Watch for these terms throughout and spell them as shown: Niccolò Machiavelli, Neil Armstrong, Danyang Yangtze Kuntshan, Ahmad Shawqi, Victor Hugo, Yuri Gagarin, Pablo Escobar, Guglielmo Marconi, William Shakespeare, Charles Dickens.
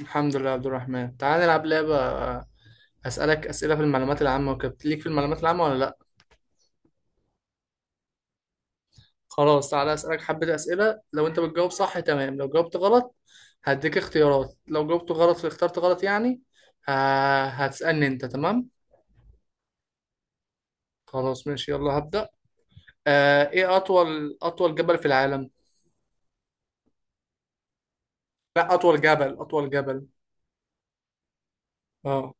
الحمد لله يا عبد الرحمن، تعال نلعب لعبة. أسألك أسئلة في المعلومات العامة وكده، ليك في المعلومات العامة ولا لأ؟ خلاص، تعال أسألك حبة أسئلة. لو أنت بتجاوب صح تمام، لو جاوبت غلط هديك اختيارات. لو جاوبت غلط اخترت غلط يعني هتسألني أنت، تمام؟ خلاص ماشي يلا هبدأ. إيه أطول جبل في العالم؟ لا، أطول جبل، أطول جبل. أه.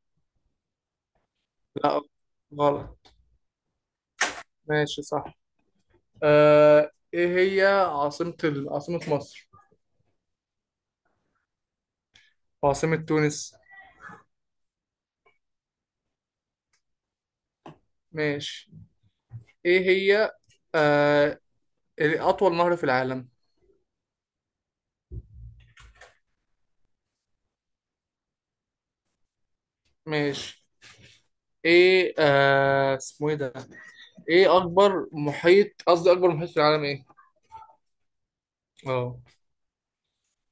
لا غلط. ماشي صح. إيه هي عاصمة عاصمة مصر؟ وعاصمة تونس؟ ماشي. ايه هي، آه اطول نهر في العالم؟ ماشي. ايه، اسمه ايه ده؟ ايه اكبر محيط، قصدي اكبر محيط في العالم ايه؟ اه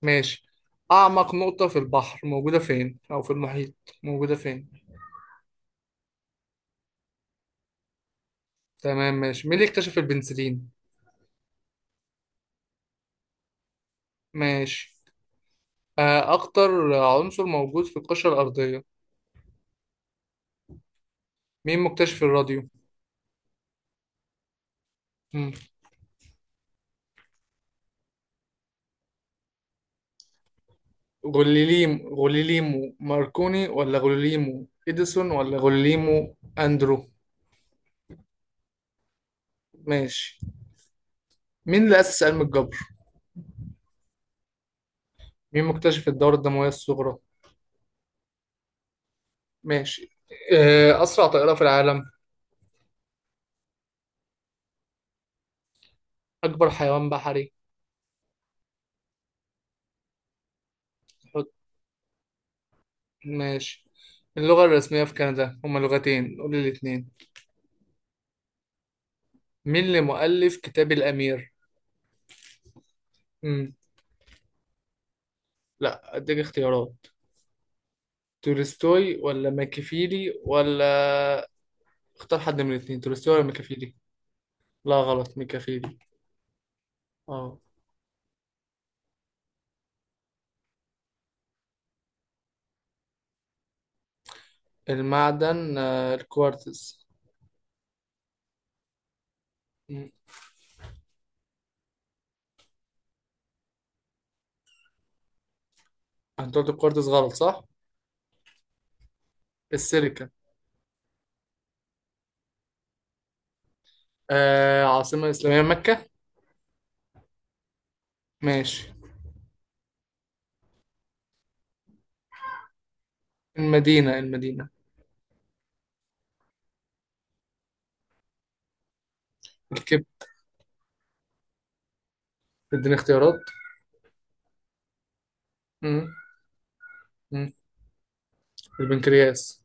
ماشي. اعمق نقطة في البحر موجودة فين، او في المحيط موجودة فين؟ تمام ماشي. مين اللي اكتشف البنسلين؟ ماشي. اكتر عنصر موجود في القشرة الارضية؟ مين مكتشف الراديو؟ مم. غليليمو ماركوني ولا غليليمو اديسون ولا غليليمو اندرو؟ ماشي. مين اللي أسس علم الجبر؟ مين مكتشف الدورة الدموية الصغرى؟ ماشي. آه، أسرع طائرة في العالم؟ أكبر حيوان بحري؟ حط. ماشي. اللغة الرسمية في كندا هما لغتين، قول لي الاتنين. مين اللي مؤلف كتاب الأمير؟ مم. لا أديك اختيارات. تولستوي ولا ماكيافيلي ولا، اختار حد من الاتنين، تولستوي ولا ماكيافيلي؟ لا غلط، ماكيافيلي. اه. المعدن، الكوارتز. مم. انت قلت الكوارتز غلط صح؟ السيليكا. آه، عاصمة إسلامية، مكة. ماشي. المدينة، المدينة. الكبد. اديني اختيارات. مم. مم. البنكرياس.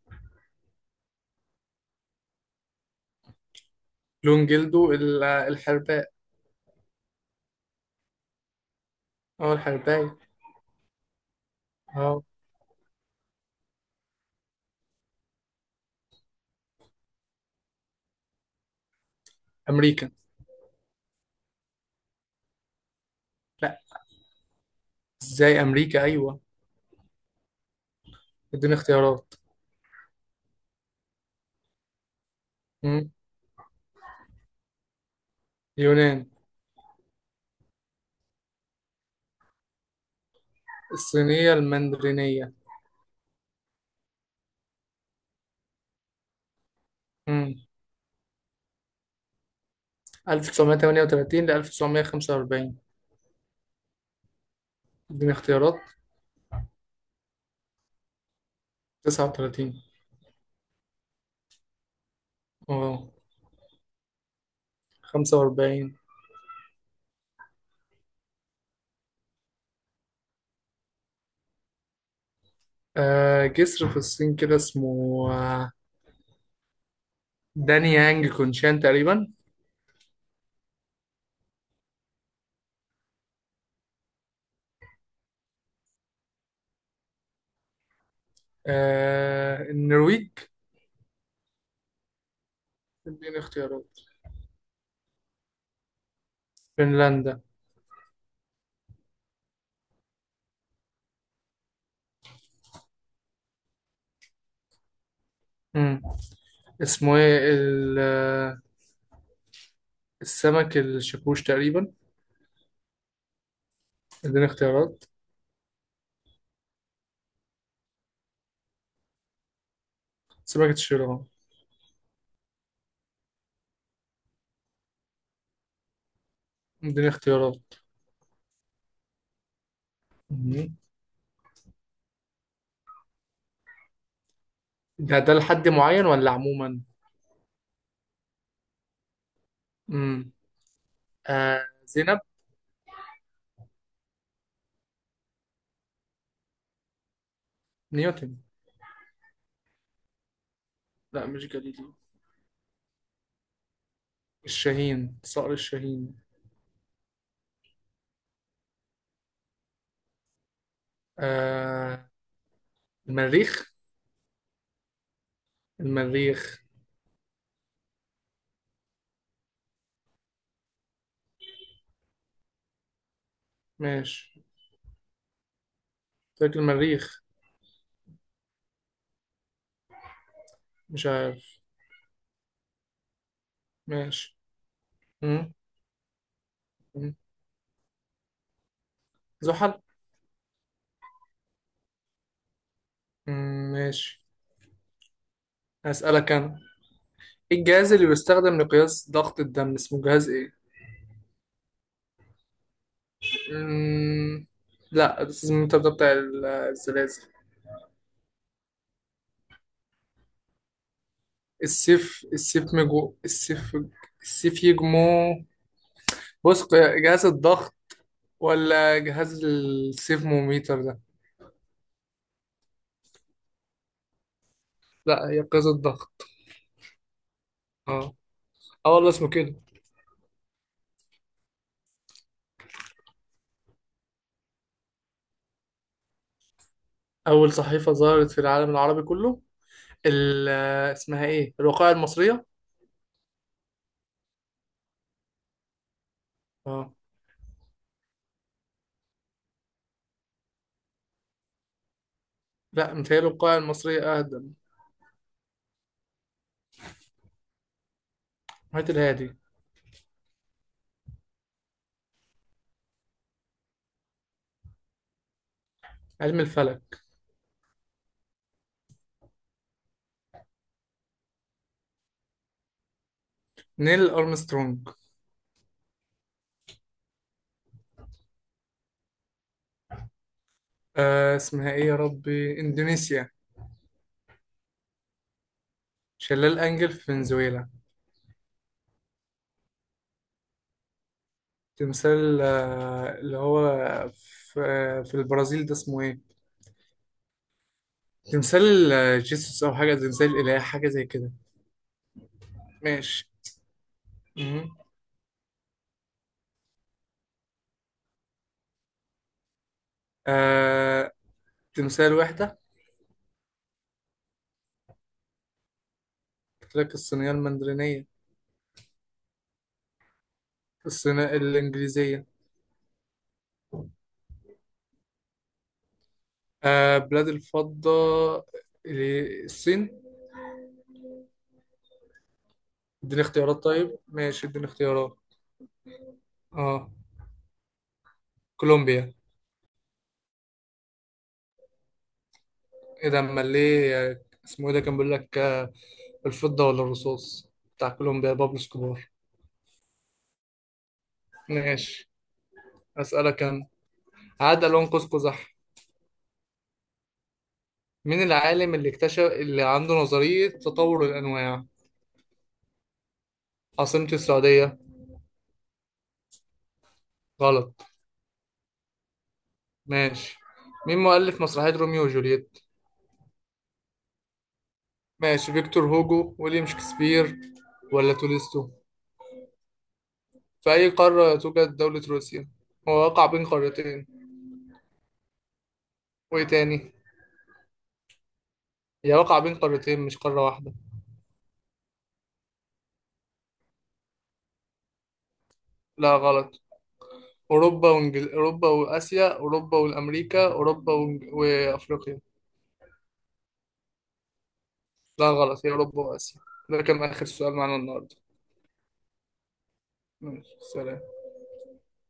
لون جلده، الحرباء. اه الحرباي. اه. أمريكا. لا. ازاي أمريكا، أيوة. اديني اختيارات. مم. اليونان. الصينية المندرينية. مم. 1938 ل 1945. اديني اختيارات. 39. اه. 45. آه، جسر في الصين كده اسمه، داني يانج كونشان تقريبا. آه، النرويج. اديني اختيارات. فنلندا. مم. اسمه ايه السمك الشاكوش تقريبا. اديني اختيارات. سمكة الشيران. اديني اختيارات. مم. ده لحد معين ولا عموما؟ مم. آه، زينب. نيوتن. لا مش جليليو. الشاهين، صقر الشاهين. آه المريخ. المريخ. ماشي. فاكر المريخ. مش عارف. ماشي. مم. زحل. مم، ماشي. هسألك أنا. إيه الجهاز اللي بيستخدم لقياس ضغط الدم، اسمه جهاز إيه؟ مم. لا، السيزمومتر ده بتاع الزلازل. السيف، السيف مجو، السيف، السيف يجمو. بص جهاز الضغط ولا جهاز السيفموميتر ده؟ لا هي قياس الضغط. اه. اه والله اسمه كده. أول صحيفة ظهرت في العالم العربي كله، ال اسمها إيه؟ الوقائع المصرية؟ اه. لا متهيألي الوقائع المصرية أقدم. هات، الهادي. علم الفلك. نيل أرمسترونج. آه اسمها إيه يا ربي، إندونيسيا. شلال أنجل في فنزويلا. تمثال اللي هو في، في البرازيل ده اسمه إيه، تمثال جيسوس أو حاجة، تمثال الإله حاجة زي كده. ماشي. مهم. آه، تمثال وحدة. قلت لك الصينية المندرينية. الصينية، الإنجليزية. آه، بلاد الفضة، الصين. اديني اختيارات طيب، ماشي اديني اختيارات. اه، كولومبيا. ايه ده، امال ليه، اسمه ايه ده كان بيقول لك، الفضة ولا الرصاص، بتاع كولومبيا بابلو اسكوبار. ماشي. اسألك انا. عاد لون قوس قزح. مين العالم اللي اكتشف، اللي عنده نظرية تطور الأنواع؟ عاصمة السعودية. غلط. ماشي. مين مؤلف مسرحية روميو وجولييت؟ ماشي، فيكتور هوجو، ويليام شكسبير، ولا تولستو. في أي قارة توجد دولة روسيا؟ هو واقع بين قارتين. وإيه تاني؟ هي واقع بين قارتين مش قارة واحدة. لا غلط. أوروبا وآسيا، أوروبا والأمريكا، وأفريقيا. لا غلط، هي أوروبا وآسيا. ده كان آخر سؤال معانا النهاردة. ماشي، سلام.